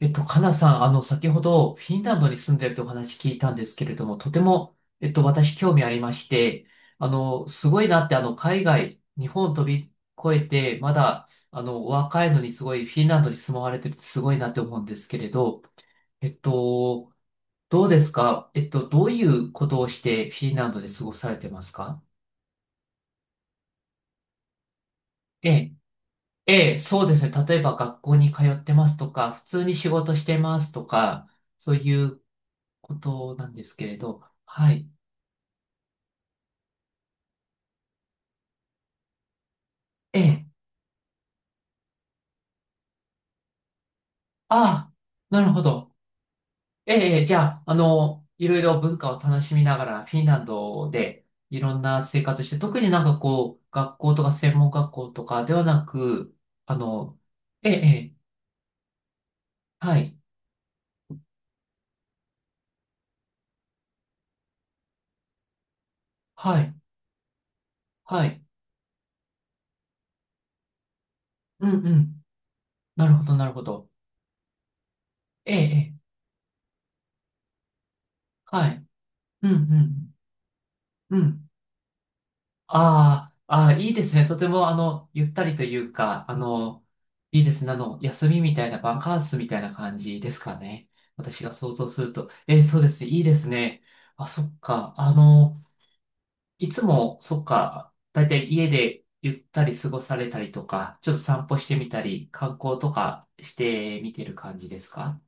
かなさん、先ほどフィンランドに住んでるとお話聞いたんですけれども、とても、私興味ありまして、すごいなって、海外、日本飛び越えて、まだ、お若いのにすごいフィンランドに住まわれてるってすごいなって思うんですけれど、えっと、どうですか？どういうことをしてフィンランドで過ごされてますか？ええ、ええ、そうですね。例えば学校に通ってますとか、普通に仕事してますとか、そういうことなんですけれど、はい。ええ、ああ、なるほど。ええ、ええ、じゃあ、いろいろ文化を楽しみながら、フィンランドでいろんな生活して、特になんかこう、学校とか専門学校とかではなく、あの、ええ、ええ、はい、はい、はい、うん、うん、なるほど、なるほど。ええ、ええ、はい、うん、うん、うん。ああ、ああ、いいですね。とても、ゆったりというか、いいですね。休みみたいな、バカンスみたいな感じですかね。私が想像すると。そうですね。いいですね。あ、そっか。いつも、そっか。だいたい家でゆったり過ごされたりとか、ちょっと散歩してみたり、観光とかしてみてる感じですか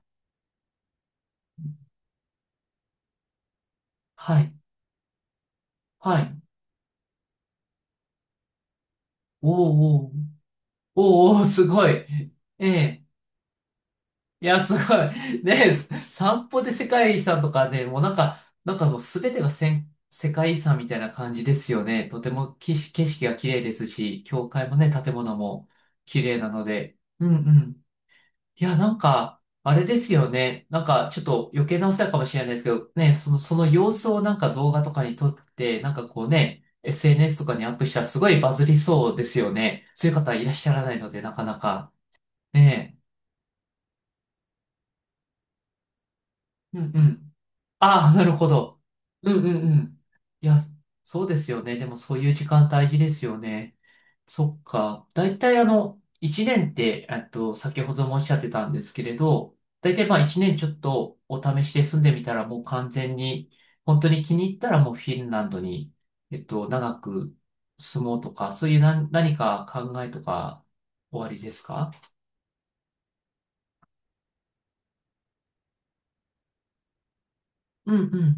はい。はい。おーおー、おーおー、すごい。ええ、いや、すごい。ね、散歩で世界遺産とかね、もうなんか、なんかもうすべてが世界遺産みたいな感じですよね。とても景色が綺麗ですし、教会もね、建物も綺麗なので。うんうん。いや、なんか、あれですよね。なんか、ちょっと余計なお世話かもしれないですけど、ね、その様子をなんか動画とかに撮って、なんかこうね、SNS とかにアップしたらすごいバズりそうですよね。そういう方いらっしゃらないので、なかなか。ね。うんうん。ああ、なるほど。うんうんうん。いや、そうですよね。でもそういう時間大事ですよね。そっか。大体一年って、先ほどもおっしゃってたんですけれど、大体まあ一年ちょっとお試しで住んでみたらもう完全に、本当に気に入ったらもうフィンランドに、長く住もうとか、そういう何か考えとか、おありですか？うんうん。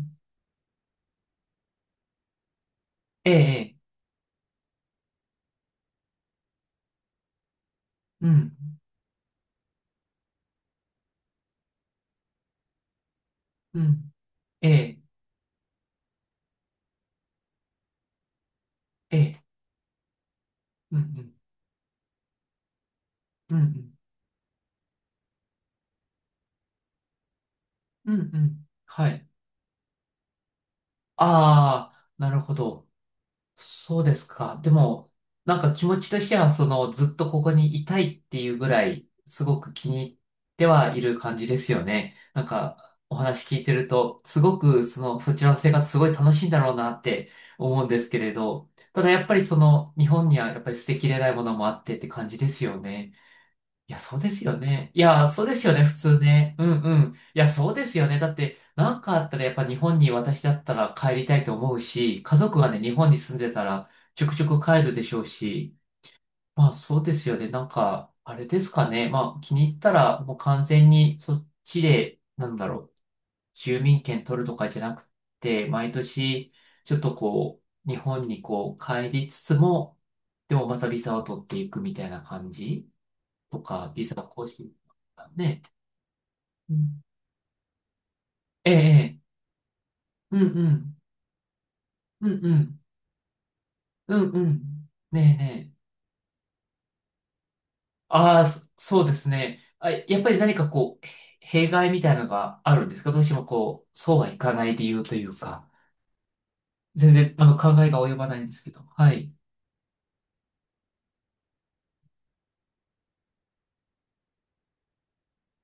ええ、ええ、うん、うん、ええ、ええ、うんうん、うんうん。うんうん。はい。ああ、なるほど。そうですか。でも、なんか気持ちとしては、その、ずっとここにいたいっていうぐらい、すごく気に入ってはいる感じですよね。なんか、お話聞いてると、すごく、その、そちらの生活すごい楽しいんだろうなって思うんですけれど、ただやっぱりその、日本にはやっぱり捨てきれないものもあってって感じですよね。いや、そうですよね。いや、そうですよね、普通ね。うんうん。いや、そうですよね。だって、なんかあったらやっぱ日本に私だったら帰りたいと思うし、家族がね、日本に住んでたらちょくちょく帰るでしょうし、まあそうですよね。なんか、あれですかね。まあ気に入ったらもう完全にそっちで、なんだろう、住民権取るとかじゃなくて、毎年、ちょっとこう、日本にこう帰りつつも、でもまたビザを取っていくみたいな感じとか、ビザ更新とかね。うん。ええ、ええ、うんうん、うんうん、うんうん。ねえねえ。ああ、そうですね。あ、やっぱり何かこう、弊害みたいなのがあるんですか？どうしてもこう、そうはいかない理由というか、全然あの考えが及ばないんですけど。はい、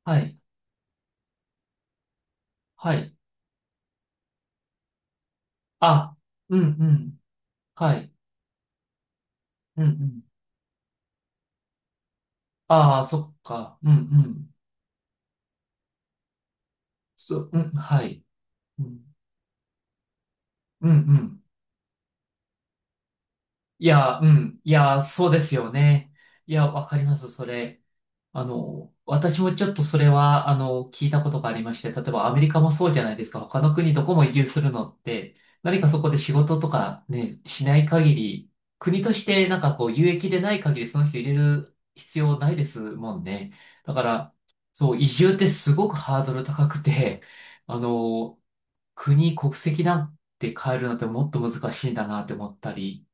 はい、はい。あ、うんうん、はい、うんうん。ああ、そっか、うんうん。そう、うん、はい。うん、うん、うん。いや、うん。いや、そうですよね。いや、わかります、それ。私もちょっとそれは、聞いたことがありまして、例えばアメリカもそうじゃないですか。他の国どこも移住するのって、何かそこで仕事とかね、しない限り、国としてなんかこう、有益でない限りその人入れる必要ないですもんね。だから、そう、移住ってすごくハードル高くて、あの、国籍なんて変えるのってもっと難しいんだなって思ったり、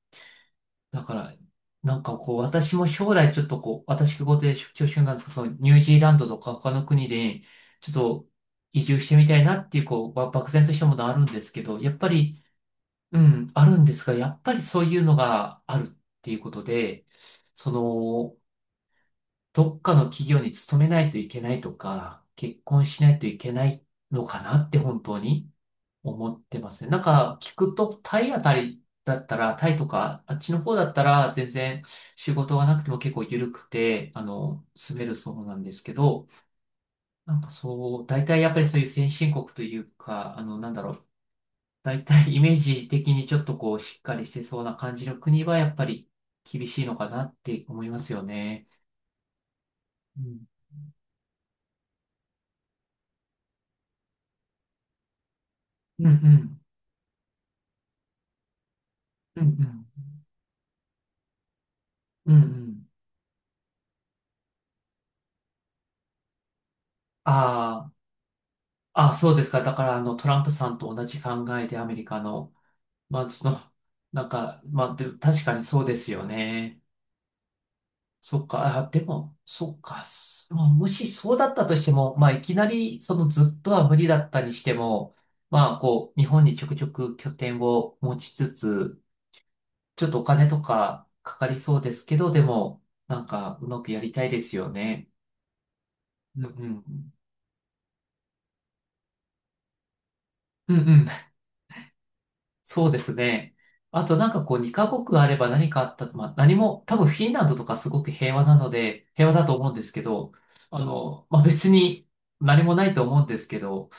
だから、なんかこう、私も将来ちょっとこう、私事で出張中なんですけど、そのニュージーランドとか他の国で、ちょっと移住してみたいなっていう、こう、漠然としたものあるんですけど、やっぱり、うん、あるんですが、やっぱりそういうのがあるっていうことで、その、どっかの企業に勤めないといけないとか、結婚しないといけないのかなって本当に。思ってますね。なんか聞くと、タイあたりだったら、タイとか、あっちの方だったら、全然仕事がなくても結構緩くて、住めるそうなんですけど、なんかそう、大体やっぱりそういう先進国というか、なんだろう、大体イメージ的にちょっとこう、しっかりしてそうな感じの国は、やっぱり厳しいのかなって思いますよね。うん、うん、うん、うん、うん、うん。うん。あーあ、そうですか。だから、トランプさんと同じ考えで、アメリカの。まあ、その、なんか、まあ、でも確かにそうですよね。そっか、あ、でも、そっか、まあ、もしそうだったとしても、まあ、いきなり、そのずっとは無理だったにしても、まあ、こう、日本にちょくちょく拠点を持ちつつ、ちょっとお金とかかかりそうですけど、でも、なんか、うまくやりたいですよね。うんうん。うんうん。そうですね。あとなんかこう2カ国あれば何かあったと、まあ何も、多分フィンランドとかすごく平和なので、平和だと思うんですけど、まあ別に何もないと思うんですけど、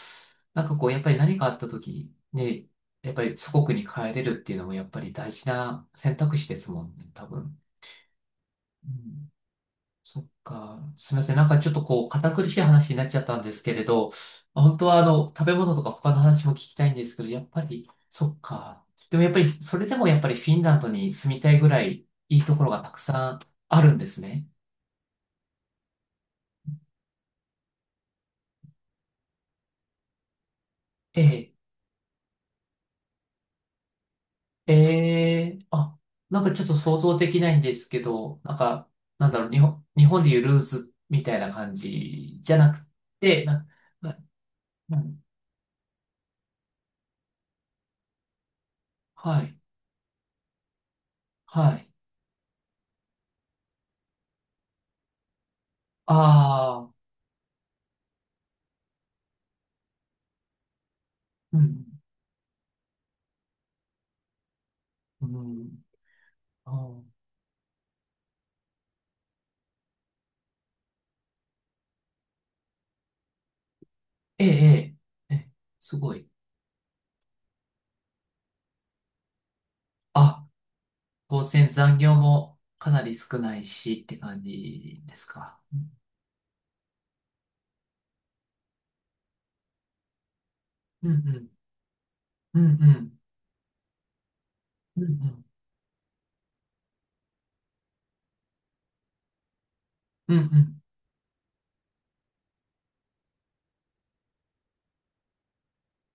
なんかこうやっぱり何かあった時にね、やっぱり祖国に帰れるっていうのもやっぱり大事な選択肢ですもんね、多分。うん。そっか。すみません。なんかちょっとこう、堅苦しい話になっちゃったんですけれど、本当はあの、食べ物とか他の話も聞きたいんですけど、やっぱり、そっか。でもやっぱり、それでもやっぱりフィンランドに住みたいぐらいいいところがたくさんあるんですね。ええ、ええ、あ、なんかちょっと想像できないんですけど、なんか、なんだろう、日本でいうルーズみたいな感じじゃなくて、な、な、なはい、はい。ああ、うん、うん。あー、ええ、ええ、ええ、すごい。あ、当然残業もかなり少ないしって感じですか？うんうん、うんうん、うんうん、うんうん、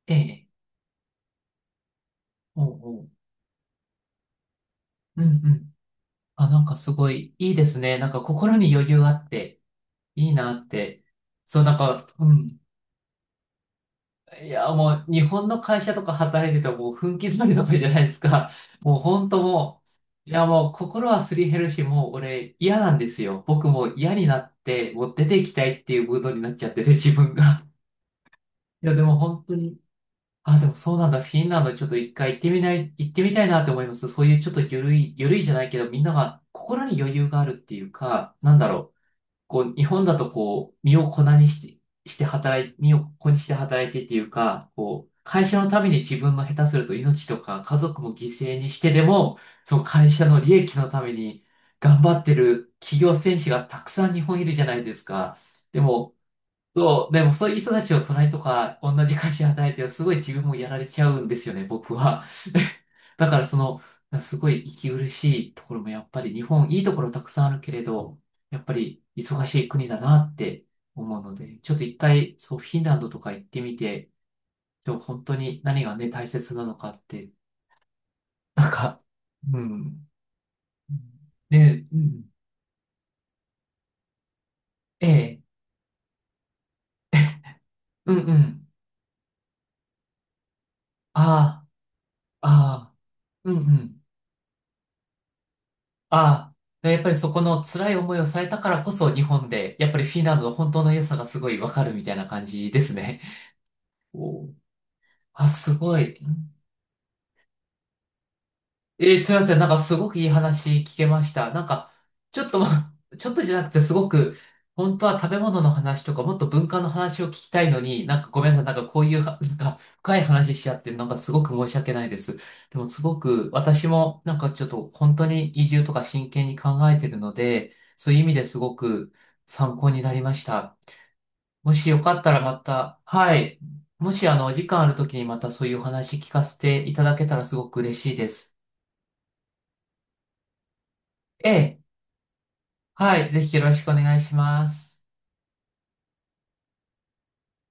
ええ、おうおう、うんうん。あ、なんかすごいいいですね。なんか心に余裕あっていいなって。そう、なんか、うん、いや、もう日本の会社とか働いてたらもう分刻みとかじゃないですか。もう本当もう、いやもう心はすり減るし、もう俺嫌なんですよ。僕もう嫌になって、もう出ていきたいっていうムードになっちゃってて、自分が。いや、でも本当に、あ、でもそうなんだ。フィンランドちょっと一回行ってみない、行ってみたいなって思います。そういうちょっと緩いじゃないけど、みんなが心に余裕があるっていうか、なんだろう。こう、日本だとこう、身を粉にして働いてっていうか、こう、会社のために自分の下手すると命とか家族も犠牲にしてでも、その会社の利益のために頑張ってる企業戦士がたくさん日本いるじゃないですか。でも、そう、でもそういう人たちを隣とか同じ会社で働いてるとすごい自分もやられちゃうんですよね、僕は。だからその、すごい息苦しいところもやっぱり日本いいところたくさんあるけれど、やっぱり忙しい国だなって思うので、ちょっと一回そうフィンランドとか行ってみて、本当に何がね大切なのかって、なんか、うん。ね、うん、ええ、うんうん、ああ、ああ、うんうん。ああ、やっぱりそこの辛い思いをされたからこそ日本で、やっぱりフィンランドの本当の良さがすごいわかるみたいな感じですね。おー、あ、すごい。えー、すいません。なんかすごくいい話聞けました。なんか、ちょっとま、ちょっとじゃなくてすごく、本当は食べ物の話とかもっと文化の話を聞きたいのに、なんかごめんなさい。なんかこういうは、なんか深い話しちゃって、なんかすごく申し訳ないです。でもすごく私もなんかちょっと本当に移住とか真剣に考えてるので、そういう意味ですごく参考になりました。もしよかったらまた、はい。もしあの、お時間ある時にまたそういうお話聞かせていただけたらすごく嬉しいです。ええ。はい、ぜひよろしくお願いします。